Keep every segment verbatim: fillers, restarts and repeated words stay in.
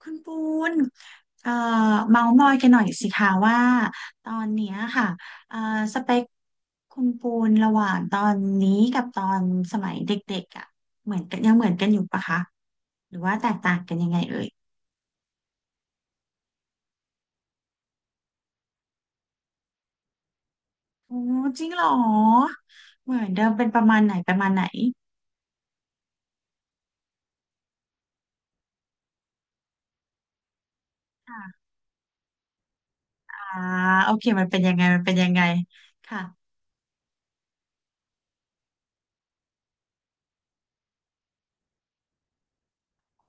คุณปูนเอ่อเมาส์มอยกันหน่อยสิคะว่าตอนเนี้ยค่ะเอ่อสเปคคุณปูนระหว่างตอนนี้กับตอนสมัยเด็กๆอ่ะเหมือนกันยังเหมือนกันอยู่ปะคะหรือว่าแตกต่างกันยังไงเอ่ยโอ้จริงเหรอเหมือนเดิมเป็นประมาณไหนประมาณไหนค่ะอ่าโอเคมันเป็นยังไงมันเป็นยังไงค่ะ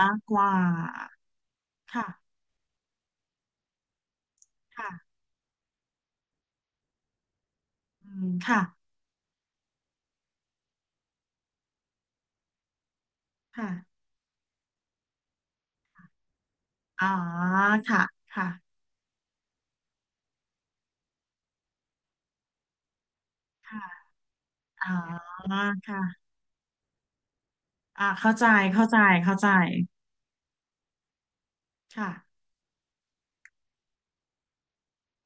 มากกว่าค่ะค่ะอืมค่ะค่ะอ๋อค่ะค่ะค่ะ อ่าค่ะอ่าเข้าใจ เข้าใจ เข้าใจ ค่ะ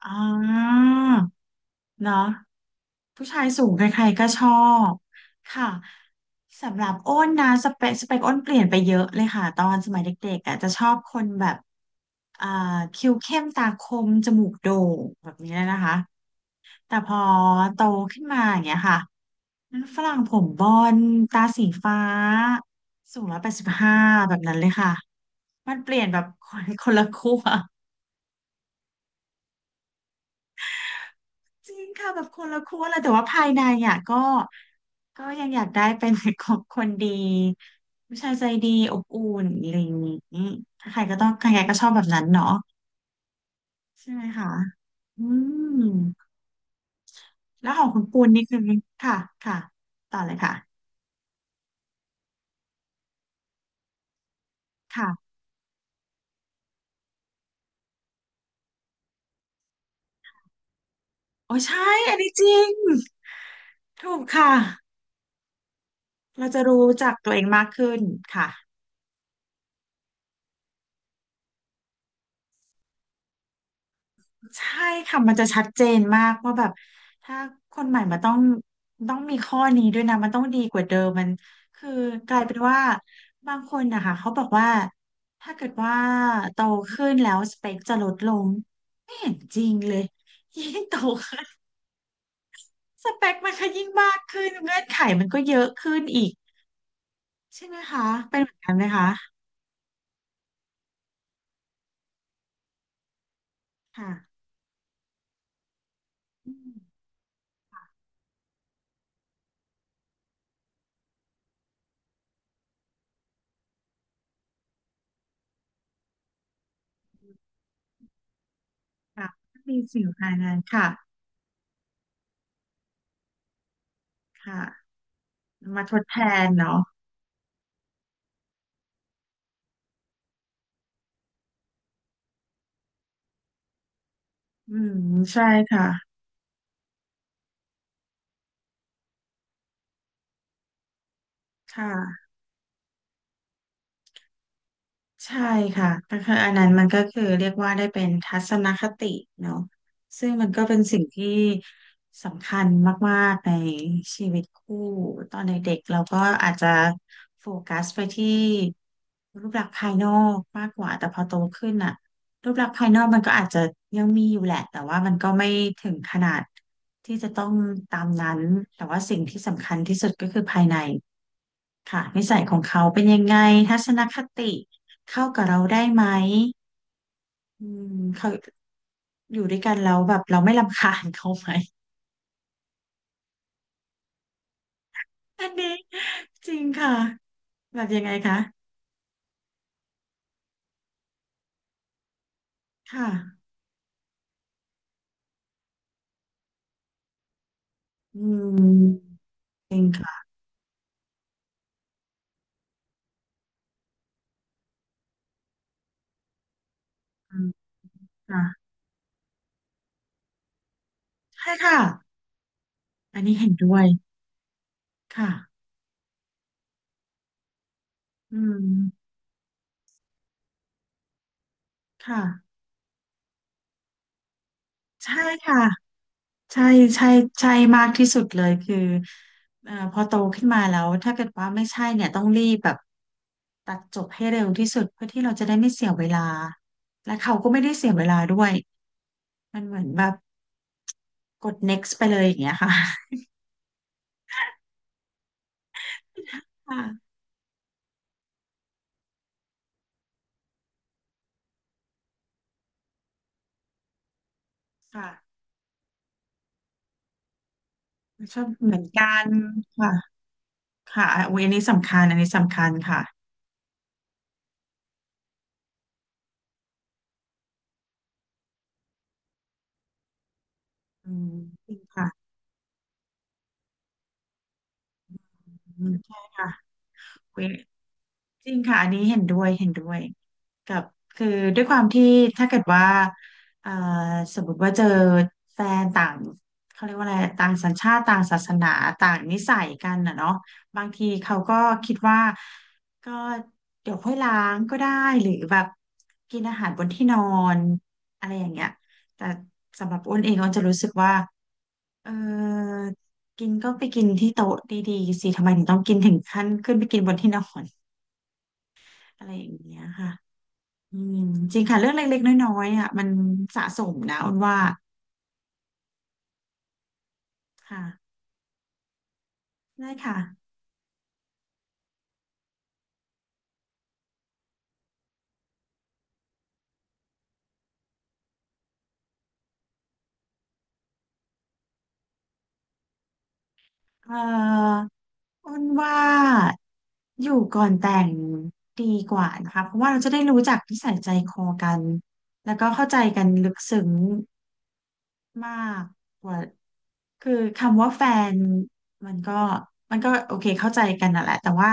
อ่าเนาะผู้ชายสูงใครๆก็ชอบ ค่ะสำหรับอ้นนะสเปคสเปคอ้นเปลี่ยนไปเยอะเลยค่ะตอนสมัยเด็กๆอ่ะจะชอบคนแบบอ่าคิ้วเข้มตาคมจมูกโด่งแบบนี้นะคะแต่พอโตขึ้นมาอย่างเงี้ยค่ะฝรั่งผมบอนด์ตาสีฟ้าสูงร้อยแปดสิบห้าแบบนั้นเลยค่ะ มันเปลี่ยนแบบ คนคนละขั้วจริงค่ะแบบคนละขั้วเลยแต่ว่าภายในอ่ะก็ก็ยังอยากได้เป็น ของคนดีผู้ชายใจดีอบอุ่นอะไรอย่างนี้ถ้าใครก็ต้องใครๆก็ชอบแบบนั้นเนาะใช่ไหมคะอืมแล้วของคุณปูนนี่คือค่ะค่ะต่อเลยค่ะค่ะโอ้ใช่อันนี้จริงถูกค่ะเราจะรู้จักตัวเองมากขึ้นค่ะ ใช่ค่ะมันจะชัดเจนมากว่าแบบถ้าคนใหม่มาต้องต้องมีข้อนี้ด้วยนะมันต้องดีกว่าเดิมมันคือกลายเป็นว่าบางคนนะคะเขาบอกว่าถ้าเกิดว่าโตขึ้นแล้วสเปคจะลดลงไม่เห็นจริงเลยยิ่งโตขึ้นสเปคมันก็ยิ่งมากขึ้นเงื่อนไขมันก็เยอะขึ้นอีกใช่ไหมคะเป็นเหมือนกันไหมคะค่ะอืมค่ะมีสิ่งภายในค่ะค่ะมาทดแทนเนาะอืมใช่ค่ะ ค่ะใช่ค่ะก็คืออันนั้นมันก็คือเรียกว่าได้เป็นทัศนคติเนาะซึ่งมันก็เป็นสิ่งที่สำคัญมากๆในชีวิตคู่ตอนเด็กๆเราก็อาจจะโฟกัสไปที่รูปลักษณ์ภายนอกมากกว่าแต่พอโตขึ้นอะรูปลักษณ์ภายนอกมันก็อาจจะยังมีอยู่แหละแต่ว่ามันก็ไม่ถึงขนาดที่จะต้องตามนั้นแต่ว่าสิ่งที่สำคัญที่สุดก็คือภายใน ค่ะนิสัยของเขาเป็นยังไงทัศนคติเข้ากับเราได้ไหมอืมเขาอยู่ด้วยกันแล้วแบบเราไม่รำคาญเขาไหมอันนี้จริงค่ะแบบยังไงคะค่ะอืมจริงค่ะอืมค่ะใช่ค่ะอันนี้เห็นด้วยค่ะอืมค่ะใช่ค่ะ ใช่ใช่ใช่มากที่สุดเลยคือเอ่อพอโตขึ้นมาแล้วถ้าเกิดว่าไม่ใช่เนี่ยต้องรีบแบบตัดจบให้เร็วที่สุดเพื่อที่เราจะได้ไม่เสียเวลาและเขาก็ไม่ได้เสียเวลาด้วยมันเหมือนแบบกด next ไปเลยอย่างเงี้ยค่ะค่ะค่ะชอบเหมือนกันค่ะค่ะอยอันนี้สำคัญอันนี้สำคัญค่ะอืมจริงค่ะอืมใช่ค่ะ เว้ยจริงค่ะอันนี้เห็นด้วยเห็นด้วยกับคือด้วยความที่ถ้าเกิดว่าเอ่อสมมติว่าเจอแฟนต่างเขาเรียกว่าอะไรต่างสัญชาติต่างศาสนาต่างนิสัยกันน่ะเนาะบางทีเขาก็คิดว่าก็เดี๋ยวค่อยล้างก็ได้หรือแบบกินอาหารบนที่นอนอะไรอย่างเงี้ยแต่สำหรับอ้นเองอ้นจะรู้สึกว่า เออกินก็ไปกินที่โต๊ะดีๆสิทำไมถึงต้องกินถึงขั้นขึ้นไปกินบนที่นอน อะไรอย่างเงี้ยค่ะอืมจริงค่ะเรื่องเล็กๆน้อยๆอ่ะมันสะสมนะอ้นว่าค่ะได้ค่ะเอออ้นว่าอยู่ก่อนแต่งดีกว่านะคะเพราะว่าเราจะได้รู้จักนิสัยใจคอกันแล้วก็เข้าใจกันลึกซึ้งมากกว่า คือคำว่าแฟนมันก็มันก็โอเคเข้าใจกันน่ะแหละแต่ว่า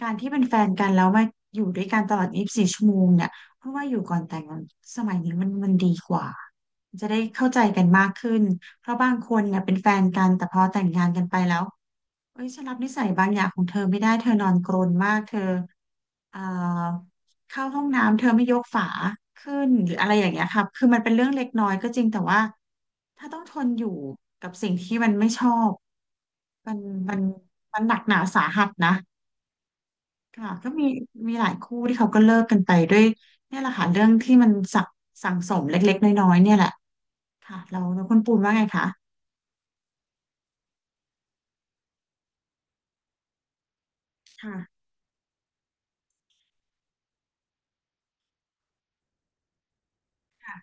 การที่เป็นแฟนกันแล้วมาอยู่ด้วยกันตลอดยี่สิบสี่ชั่วโมงเนี่ยเพราะว่าอยู่ก่อนแต่งงานสมัยนี้มันมันดีกว่าจะได้เข้าใจกันมากขึ้นเพราะบางคนเนี่ยเป็นแฟนกันแต่พอแต่งงานกันไปแล้ว เอ้ยฉันรับนิสัยบางอย่างของเธอไม่ได้เธอนอนกรนมากเธอเอ่อเข้าห้องน้ำเธอไม่ยกฝาขึ้นหรืออะไรอย่างเงี้ยครับคือมันเป็นเรื่องเล็กน้อยก็จริงแต่ว่าถ้าต้องทนอยู่กับสิ่งที่มันไม่ชอบมันมันมันหนักหนาสาหัสนะค่ะก็มีมีหลายคู่ที่เขาก็เลิกกันไปด้วยเนี่ยแหละค่ะเรื่องที่มันสักสั่งสมเล็กๆน้อยๆเนี่ยแหละค่ะเราเราคุณปูนว่าไงคะค่ะค่ะ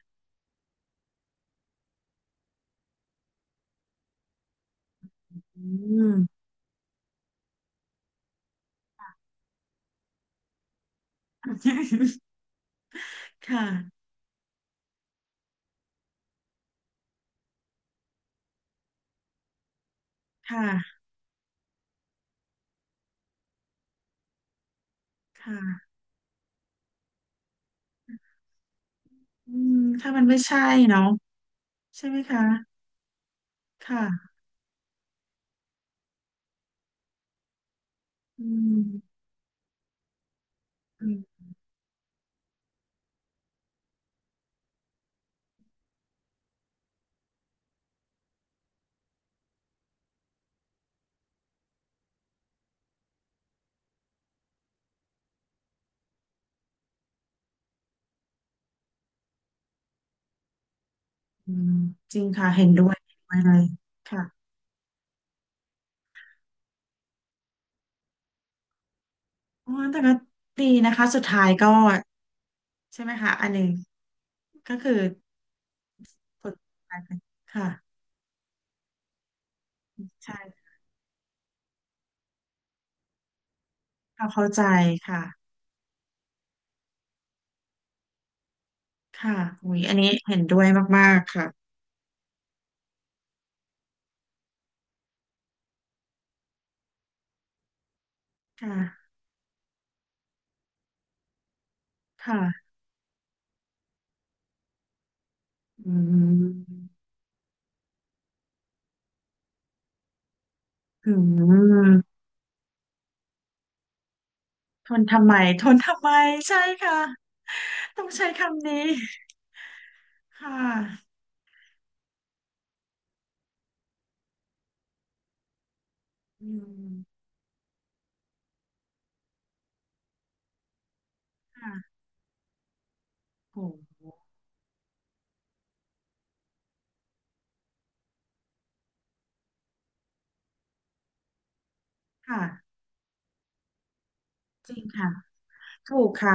อืม ค่ะค่ะค่ะ อืมถ้ามันไม่ใช่เนาะใช่ไหมคะค่ะอืมอืมอืมจริงค่ะเห็นด้วยเห็นด้วยเลยค่ะอ๋อแต่ก็ดีนะคะสุดท้ายก็ใช่ไหมคะอันหนึ่งก็คือผลกลายเป็นค่ะใช่ค่ะเข้าใจค่ะค่ะอุ้ยอันนี้เห็นด้วยมากๆค่ะค่ะค่ะอืมอืมทนทำไมทนทำไมใช่ค่ะต้องใช้คำนี้ค่ะอืม ค่ะโหค่ะ จริงค่ะถูกค่ะ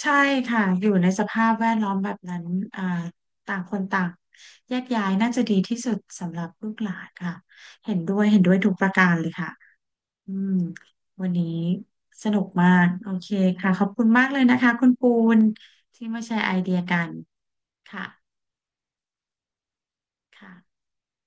ใช่ค่ะ อยู่ในสภาพแวดล้อมแบบนั้นอ่าต่างคนต่างแยกย้ายน่าจะดีที่สุดสำหรับลูกหลานค่ะ เห็นด้วยเห็นด้วยทุกประการเลยค่ะอืมวันนี้สนุกมากโอเคค่ะขอบคุณมากเลยนะคะคุณปูนที่มาแชร์ไอเดียกันค่ะค่ะ